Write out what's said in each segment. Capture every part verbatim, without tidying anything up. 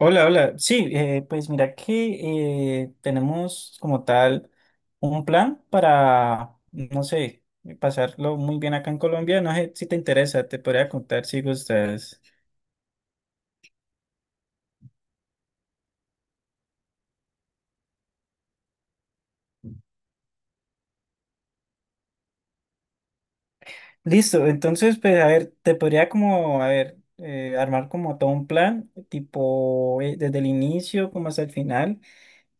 Hola, hola. Sí, eh, pues mira que eh, tenemos como tal un plan para, no sé, pasarlo muy bien acá en Colombia. No sé si te interesa, te podría contar si gustas. Listo, entonces, pues a ver, te podría como, a ver, eh, armar como todo un plan, tipo eh, desde el inicio como hasta el final.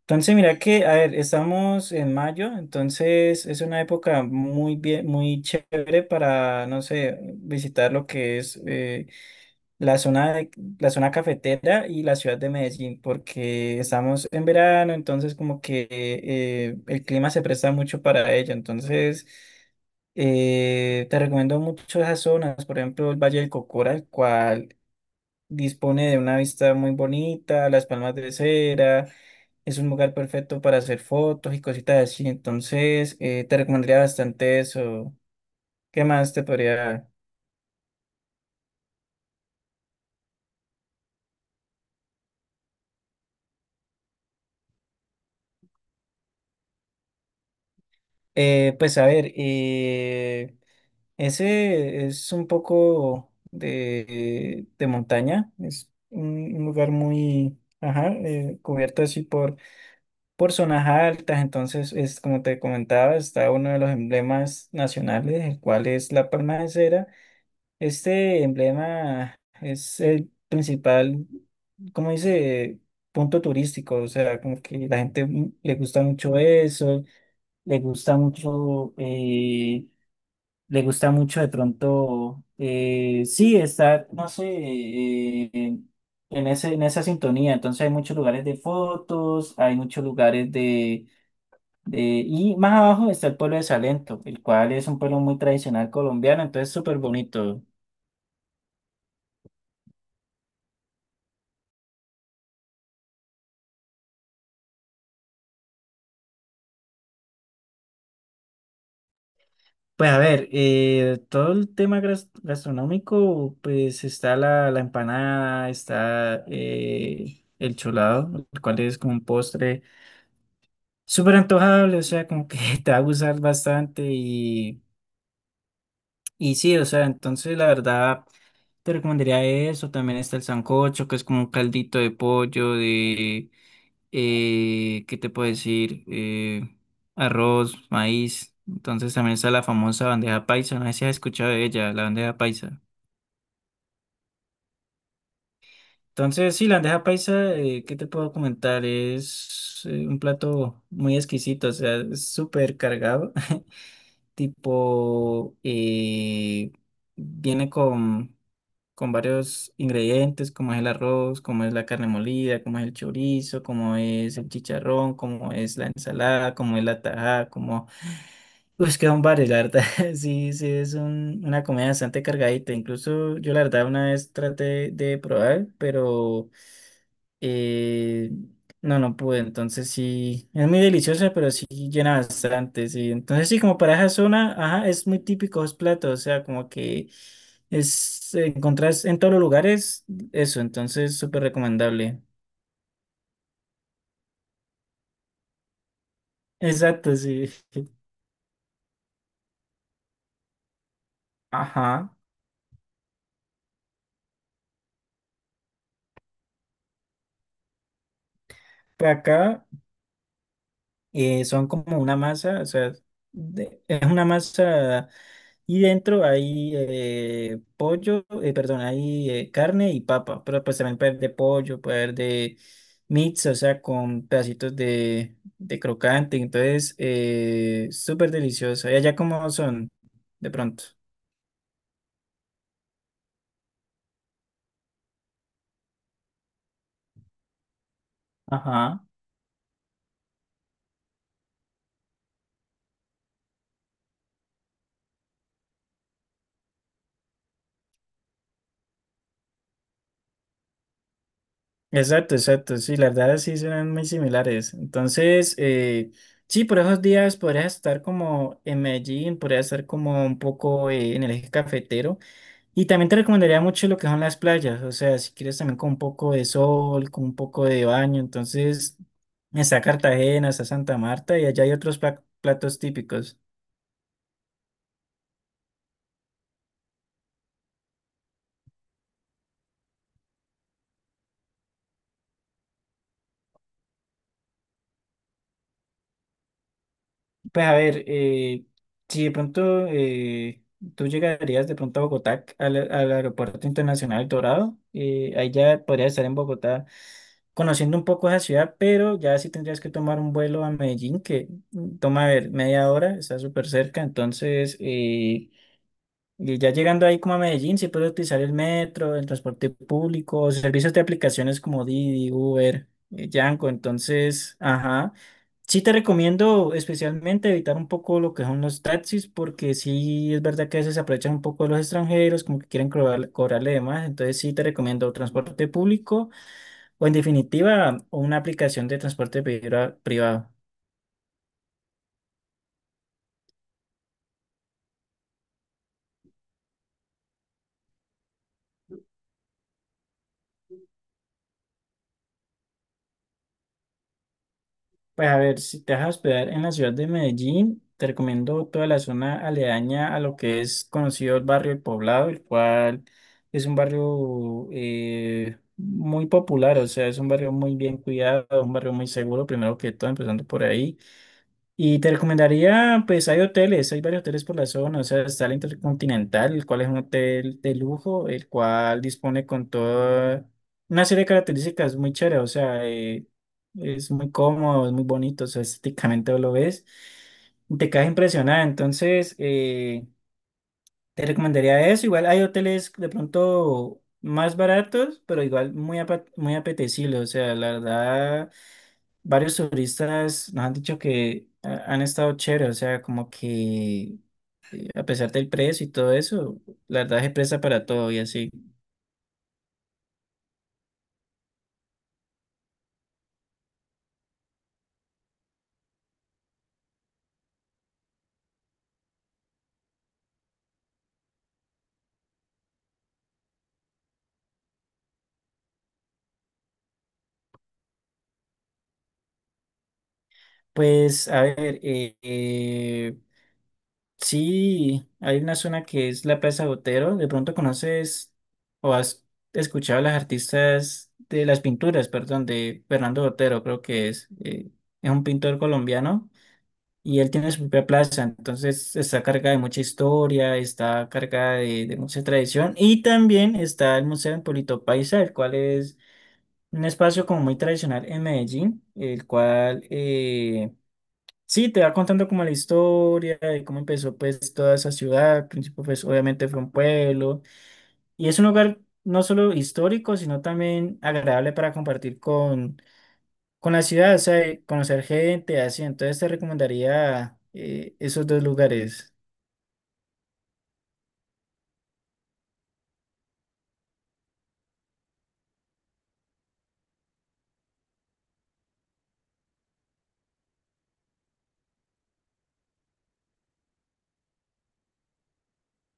Entonces, mira que, a ver, estamos en mayo, entonces es una época muy bien, muy chévere para, no sé, visitar lo que es... eh, la zona, de- la zona cafetera y la ciudad de Medellín, porque estamos en verano, entonces como que eh, el clima se presta mucho para ello. Entonces, eh, te recomiendo mucho esas zonas, por ejemplo, el Valle del Cocora, el cual dispone de una vista muy bonita, las palmas de cera, es un lugar perfecto para hacer fotos y cositas así. Entonces, eh, te recomendaría bastante eso. ¿Qué más te podría... Eh, pues a ver, eh, ese es un poco de, de montaña, es un, un lugar muy ajá, eh, cubierto así por, por zonas altas, entonces es como te comentaba, está uno de los emblemas nacionales, el cual es la palma de cera. Este emblema es el principal, como dice, punto turístico, o sea, como que la gente mm, le gusta mucho eso, le gusta mucho... eh, le gusta mucho de pronto, eh, sí, estar, no sé, eh, en ese, en esa sintonía. Entonces hay muchos lugares de fotos, hay muchos lugares de, de- y más abajo está el pueblo de Salento, el cual es un pueblo muy tradicional colombiano, entonces súper bonito. Pues a ver, eh, todo el tema gras- gastronómico, pues está la, la empanada, está eh, el cholado, el cual es como un postre, súper antojable, o sea, como que te va a gustar bastante y, y sí, o sea, entonces la verdad te recomendaría eso, también está el sancocho, que es como un caldito de pollo, de, eh, ¿qué te puedo decir? Eh, arroz, maíz, entonces también está la famosa bandeja paisa, no sé si has escuchado de ella, la bandeja paisa. Entonces, sí, la bandeja paisa, eh, ¿qué te puedo comentar? Es eh, un plato muy exquisito, o sea, es súper cargado. Tipo, eh, viene con, con varios ingredientes, como es el arroz, como es la carne molida, como es el chorizo, como es el chicharrón, como es la ensalada, como es la tajada, como... Pues quedan varios, la verdad. Sí, sí, es un- una comida bastante cargadita. Incluso yo la verdad una vez traté de probar, pero... Eh, no, no pude, entonces sí, es muy deliciosa, pero sí llena bastante, sí. Entonces sí, como para esa zona, ajá, es muy típico esos platos, o sea, como que es, eh, encontrás en todos los lugares eso, entonces súper recomendable. Exacto, sí. Ajá. Para acá eh, son como una masa, o sea, de- es una masa y dentro hay eh, pollo, eh, perdón, hay eh, carne y papa, pero pues también puede haber de pollo, puede haber de mix, o sea, con pedacitos de, de crocante, entonces eh, súper deliciosa. ¿Y allá cómo son de pronto? Ajá. Exacto, exacto, sí, las verdad sí serán muy similares. Entonces, eh, sí, por esos días podrías estar como en Medellín, podrías estar como un poco eh, en el eje cafetero. Y también te recomendaría mucho lo que son las playas, o sea, si quieres también con un poco de sol, con un poco de baño, entonces está Cartagena, está Santa Marta y allá hay otros pla- platos típicos. Pues a ver, eh, si de pronto eh, tú llegarías de pronto a Bogotá, al, al Aeropuerto Internacional Dorado, eh, ahí ya podrías estar en Bogotá conociendo un poco esa ciudad, pero ya sí tendrías que tomar un vuelo a Medellín, que mm, toma, a ver, media hora, está súper cerca, entonces... eh, y ya llegando ahí como a Medellín, se puede utilizar el metro, el transporte público, servicios de aplicaciones como Didi, Uber, eh, Yango. Entonces, ajá. Sí te recomiendo especialmente evitar un poco lo que son los taxis, porque sí es verdad que a veces se aprovechan un poco de los extranjeros, como que quieren cobrar- cobrarle de más. Entonces sí te recomiendo transporte público o en definitiva una aplicación de transporte priva- privado. Pues a ver, si te vas a hospedar en la ciudad de Medellín, te recomiendo toda la zona aledaña a lo que es conocido el barrio El Poblado, el cual es un barrio eh, muy popular, o sea, es un barrio muy bien cuidado, un barrio muy seguro, primero que todo, empezando por ahí. Y te recomendaría, pues hay hoteles, hay varios hoteles por la zona, o sea, está el Intercontinental, el cual es un hotel de lujo, el cual dispone con toda una serie de características muy chéveres, o sea, eh, es muy cómodo, es muy bonito, o sea, estéticamente lo ves, y te quedas impresionada, entonces eh, te recomendaría eso, igual hay hoteles de pronto más baratos, pero igual muy, apa- muy apetecibles, o sea, la verdad varios turistas nos han dicho que ha- han estado chévere, o sea, como que eh, a pesar del precio y todo eso, la verdad es presta para todo y así. Pues a ver, eh, eh, sí, hay una zona que es la Plaza Botero, de pronto conoces o has escuchado a las artistas de las pinturas, perdón, de Fernando Botero, creo que es, eh, es un pintor colombiano. Y él tiene su propia plaza, entonces está cargada de mucha historia, está cargada de, de mucha tradición. Y también está el Museo en Polito Paisa, el cual es un espacio como muy tradicional en Medellín, el cual eh, sí te va contando como la historia de cómo empezó pues toda esa ciudad. Al principio pues obviamente fue un pueblo y es un lugar no solo histórico, sino también agradable para compartir con con la ciudad, o sea, y conocer gente, así, entonces te recomendaría eh, esos dos lugares.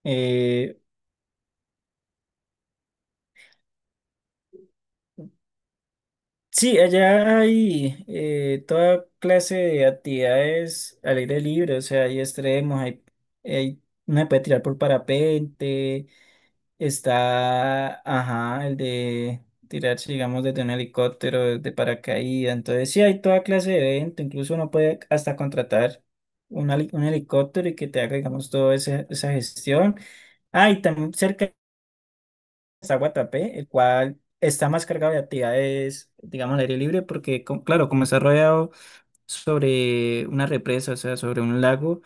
Eh, sí, allá hay eh, toda clase de actividades al aire libre, o sea, hay extremos, hay, hay- uno se puede tirar por parapente. Está, ajá, el de tirarse, digamos, desde un helicóptero, de paracaídas. Entonces, sí, hay toda clase de evento. Incluso uno puede hasta contratar un, heli- un helicóptero y que te haga, digamos, toda esa, esa gestión. Ah, y también cerca está Guatapé, el cual está más cargado de actividades, digamos, al aire libre, porque, co- claro, como está rodeado sobre una represa, o sea, sobre un lago.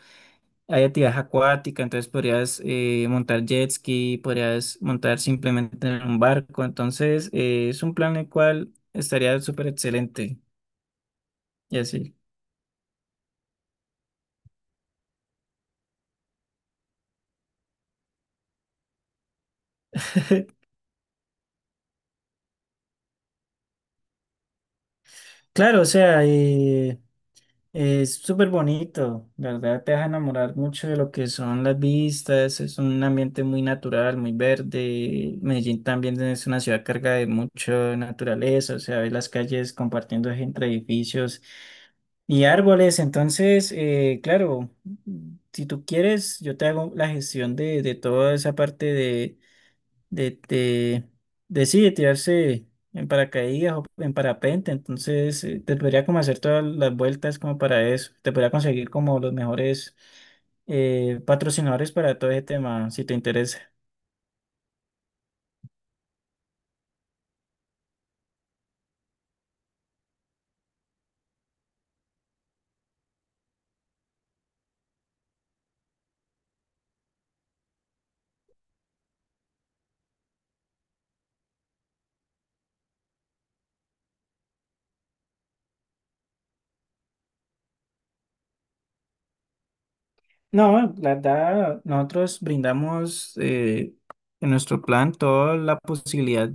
Hay actividad acuática, entonces podrías eh, montar jet ski, podrías montar simplemente en un barco. Entonces, eh, es un plan el cual estaría súper excelente. Y así. Claro, o sea, eh, es súper bonito, la ¿verdad? Te deja enamorar mucho de lo que son las vistas, es un ambiente muy natural, muy verde. Medellín también es una ciudad cargada de mucha naturaleza, o sea, ves las calles compartiendo entre edificios y árboles. Entonces, eh, claro, si tú quieres, yo te hago la gestión de, de toda esa parte de, de, de sí, de tirarse en paracaídas o en parapente, entonces eh, te podría como hacer todas las vueltas como para eso, te podría conseguir como los mejores eh, patrocinadores para todo ese tema, si te interesa. No, la verdad, nosotros brindamos eh, en nuestro plan toda la posibilidad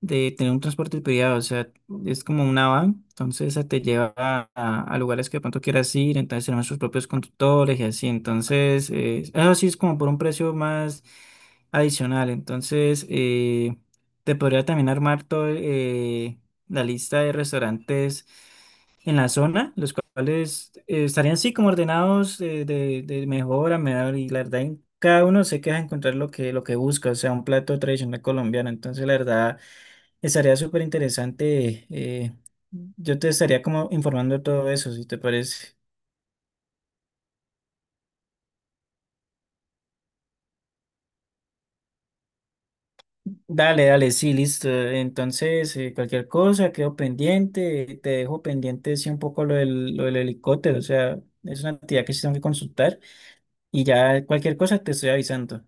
de tener un transporte privado, o sea, es como una van, entonces esa te lleva a, a- a lugares que de pronto quieras ir, entonces tenemos sus propios conductores y así, entonces, eh, eso sí es como por un precio más adicional, entonces eh, te podría también armar todo eh, la lista de restaurantes en la zona, los cuales eh, estarían así como ordenados eh, de, de mejor a menor y la verdad en cada uno sé que vas a encontrar lo que, lo que busca, o sea, un plato tradicional colombiano, entonces la verdad... Estaría súper interesante. Eh, yo te estaría como informando de todo eso, si te parece. Dale, dale, sí, listo. Entonces, eh, cualquier cosa, quedo pendiente. Te dejo pendiente, sí, un poco lo del, lo del helicóptero. O sea, es una actividad que sí tengo que consultar. Y ya cualquier cosa te estoy avisando.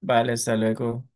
Vale, hasta luego.